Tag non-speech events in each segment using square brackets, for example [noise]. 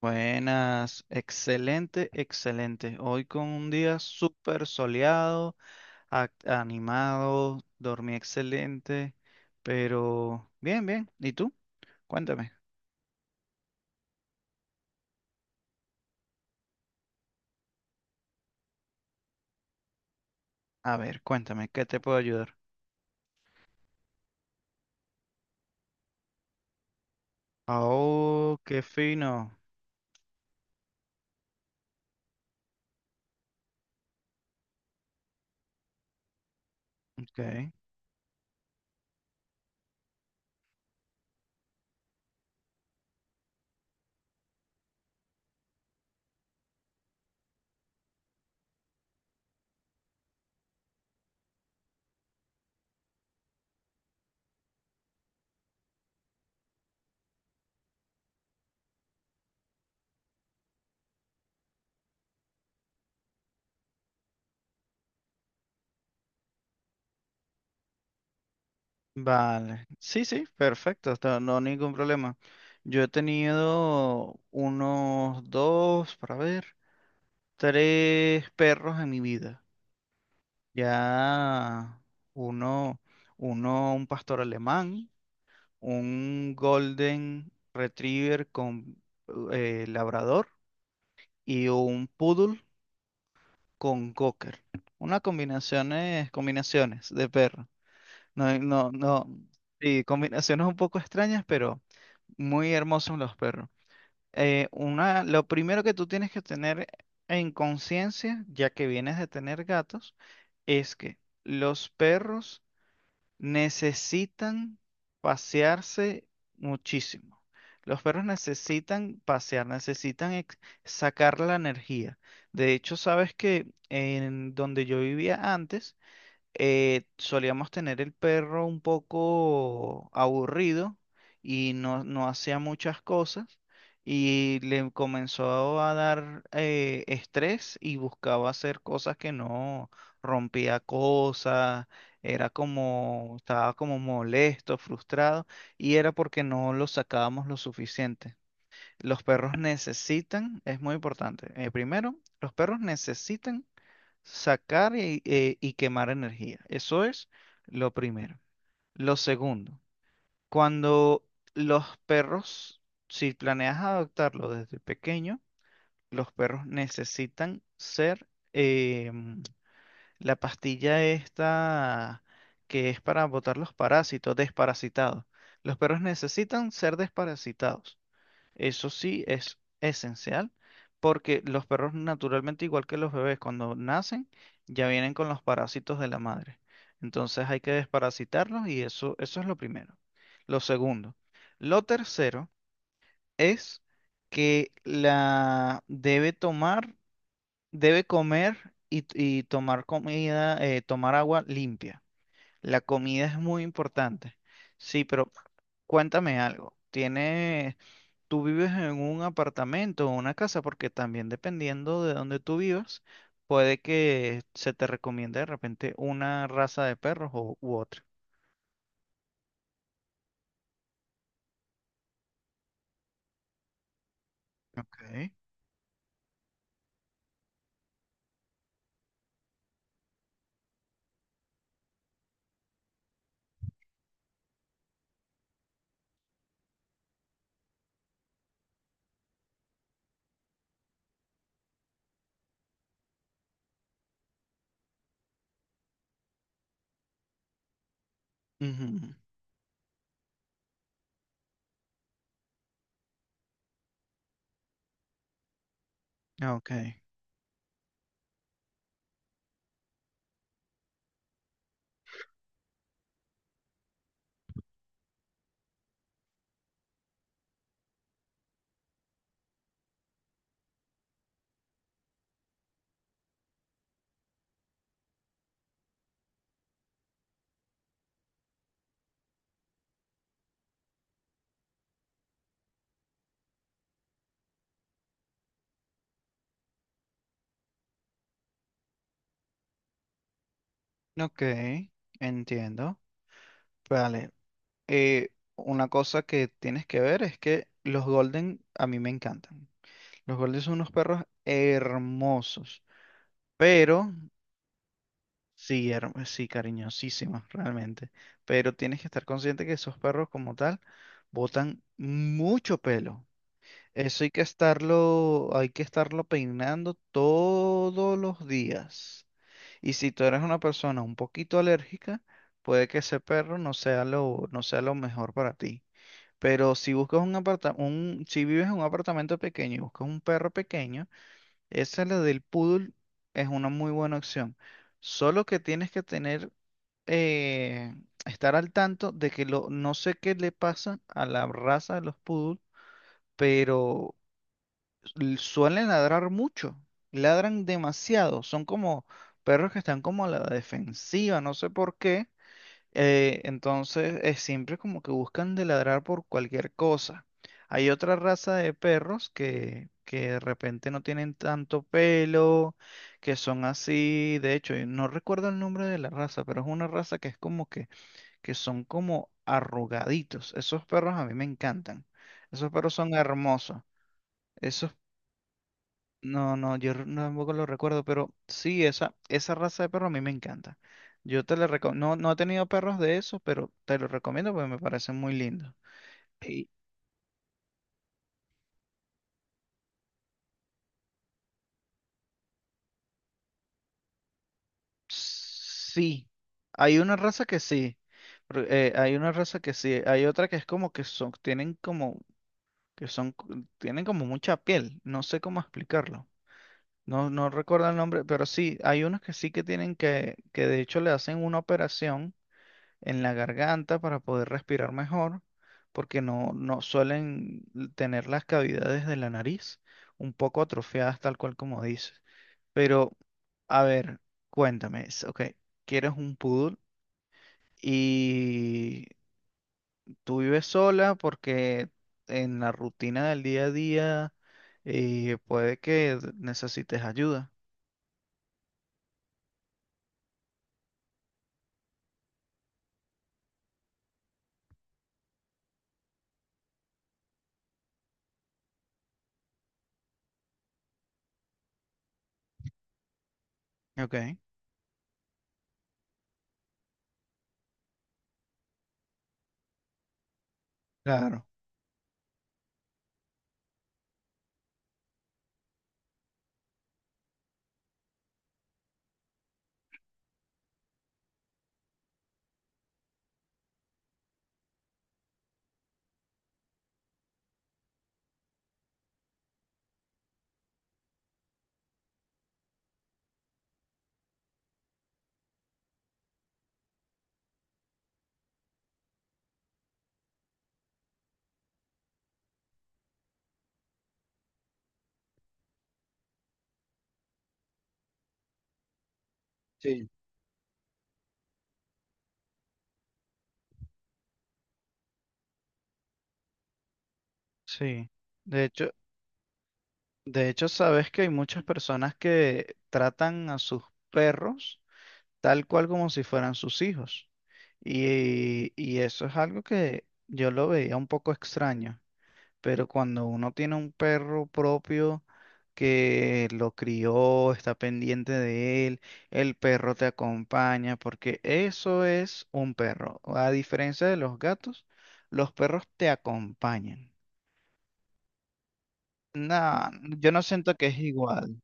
Buenas, excelente, excelente. Hoy con un día súper soleado, animado, dormí excelente, pero bien, bien. ¿Y tú? Cuéntame. A ver, cuéntame, ¿qué te puedo ayudar? Oh, qué fino. Ok. Vale. Sí, sí, perfecto. No, ningún problema. Yo he tenido unos dos, para ver, tres perros en mi vida. Ya uno, un pastor alemán, un golden retriever con labrador y un poodle con cocker. Unas combinaciones, combinaciones de perro. No, no, no. Sí, combinaciones un poco extrañas, pero muy hermosos los perros. Lo primero que tú tienes que tener en conciencia, ya que vienes de tener gatos, es que los perros necesitan pasearse muchísimo. Los perros necesitan pasear, sacar la energía. De hecho, sabes que en donde yo vivía antes, solíamos tener el perro un poco aburrido y no, no hacía muchas cosas y le comenzó a dar estrés y buscaba hacer cosas que no, rompía cosas, era como, estaba como molesto, frustrado y era porque no lo sacábamos lo suficiente. Los perros necesitan, es muy importante, primero, los perros necesitan sacar y quemar energía. Eso es lo primero. Lo segundo, cuando los perros, si planeas adoptarlo desde pequeño, los perros necesitan ser em, la pastilla esta que es para botar los parásitos, desparasitados. Los perros necesitan ser desparasitados. Eso sí es esencial porque los perros naturalmente, igual que los bebés, cuando nacen ya vienen con los parásitos de la madre. Entonces hay que desparasitarlos y eso es lo primero. Lo segundo. Lo tercero es que la debe tomar, debe comer y tomar comida, tomar agua limpia. La comida es muy importante. Sí, pero cuéntame algo. ¿Tiene Tú vives en un apartamento o una casa, porque también dependiendo de donde tú vivas, puede que se te recomiende de repente una raza de perros u otra. Okay. Ujú. Ok, ok, entiendo. Vale, eh, una cosa que tienes que ver es que los Golden a mí me encantan. Los Golden son unos perros hermosos, pero sí, sí, cariñosísimas, realmente. Pero tienes que estar consciente que esos perros como tal botan mucho pelo. Eso hay que estarlo peinando todos los días. Y si tú eres una persona un poquito alérgica, puede que ese perro no sea lo, no sea lo mejor para ti. Pero si buscas un si vives en un apartamento pequeño y buscas un perro pequeño, esa la del poodle es una muy buena opción. Solo que tienes que tener eh, estar al tanto de que lo, no sé qué le pasa a la raza de los poodles, pero suelen ladrar mucho, ladran demasiado, son como perros que están como a la defensiva, no sé por qué. Entonces es siempre como que buscan de ladrar por cualquier cosa. Hay otra raza de perros que de repente no tienen tanto pelo, que son así, de hecho, y no recuerdo el nombre de la raza, pero es una raza que es como que son como arrugaditos. Esos perros a mí me encantan. Esos perros son hermosos. Esos, no, no, no, tampoco lo recuerdo, pero sí, esa raza de perro a mí me encanta. Yo te le recomiendo, no, no he tenido perros de esos, pero te los recomiendo porque me parecen muy lindos. Y sí, hay una raza que sí. Pero, hay una raza que sí, hay otra que es como que son, tienen como, que son, co- tienen como mucha piel, no sé cómo explicarlo. No, no recuerdo el nombre, pero sí, hay unos que sí que tienen que de hecho le hacen una operación en la garganta para poder respirar mejor, porque no, no suelen tener las cavidades de la nariz un poco atrofiadas, tal cual como dices. Pero, a ver, cuéntame, ok, quieres un poodle y tú vives sola porque en la rutina del día a día puede que necesites ayuda. Ok, claro. Sí, de hecho, de hecho sabes que hay muchas personas que tratan a sus perros tal cual como si fueran sus hijos. Y eso es algo que yo lo veía un poco extraño, pero cuando uno tiene un perro propio que lo crió, está pendiente de él, el perro te acompaña, porque eso es un perro. A diferencia de los gatos, los perros te acompañan. No, yo no siento que es igual.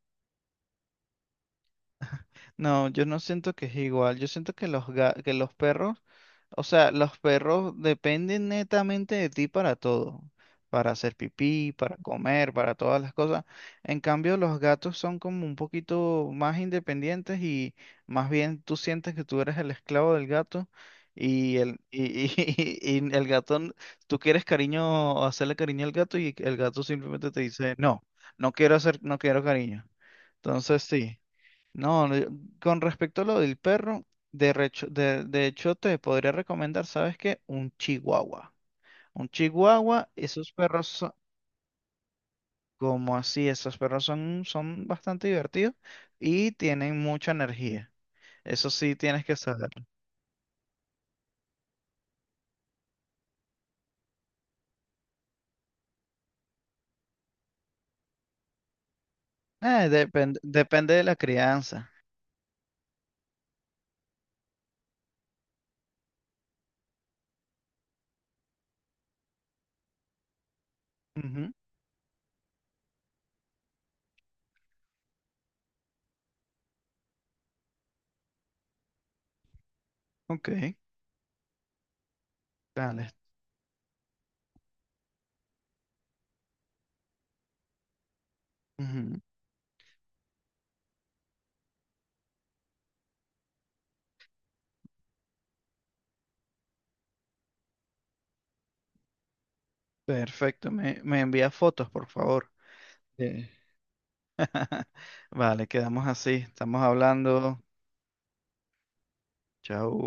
No, yo no siento que es igual. Yo siento que los que los perros, o sea, los perros dependen netamente de ti para todo, para hacer pipí, para comer, para todas las cosas. En cambio, los gatos son como un poquito más independientes y más bien tú sientes que tú eres el esclavo del gato y y [laughs] y el gato, tú quieres cariño, hacerle cariño al gato y el gato simplemente te dice, "No, no quiero hacer, no quiero cariño." Entonces sí. No, no, con respecto a lo del perro, de hecho te podría recomendar, ¿sabes qué? Un chihuahua. Un chihuahua, esos perros son, como así, esos perros son, son bastante divertidos y tienen mucha energía. Eso sí tienes que saber. Depende, depende de la crianza. Ujú. Ok, vale. Ujú. Perfecto, me envía fotos, por favor. Eh. [laughs] Vale, quedamos así. Estamos hablando. Chao.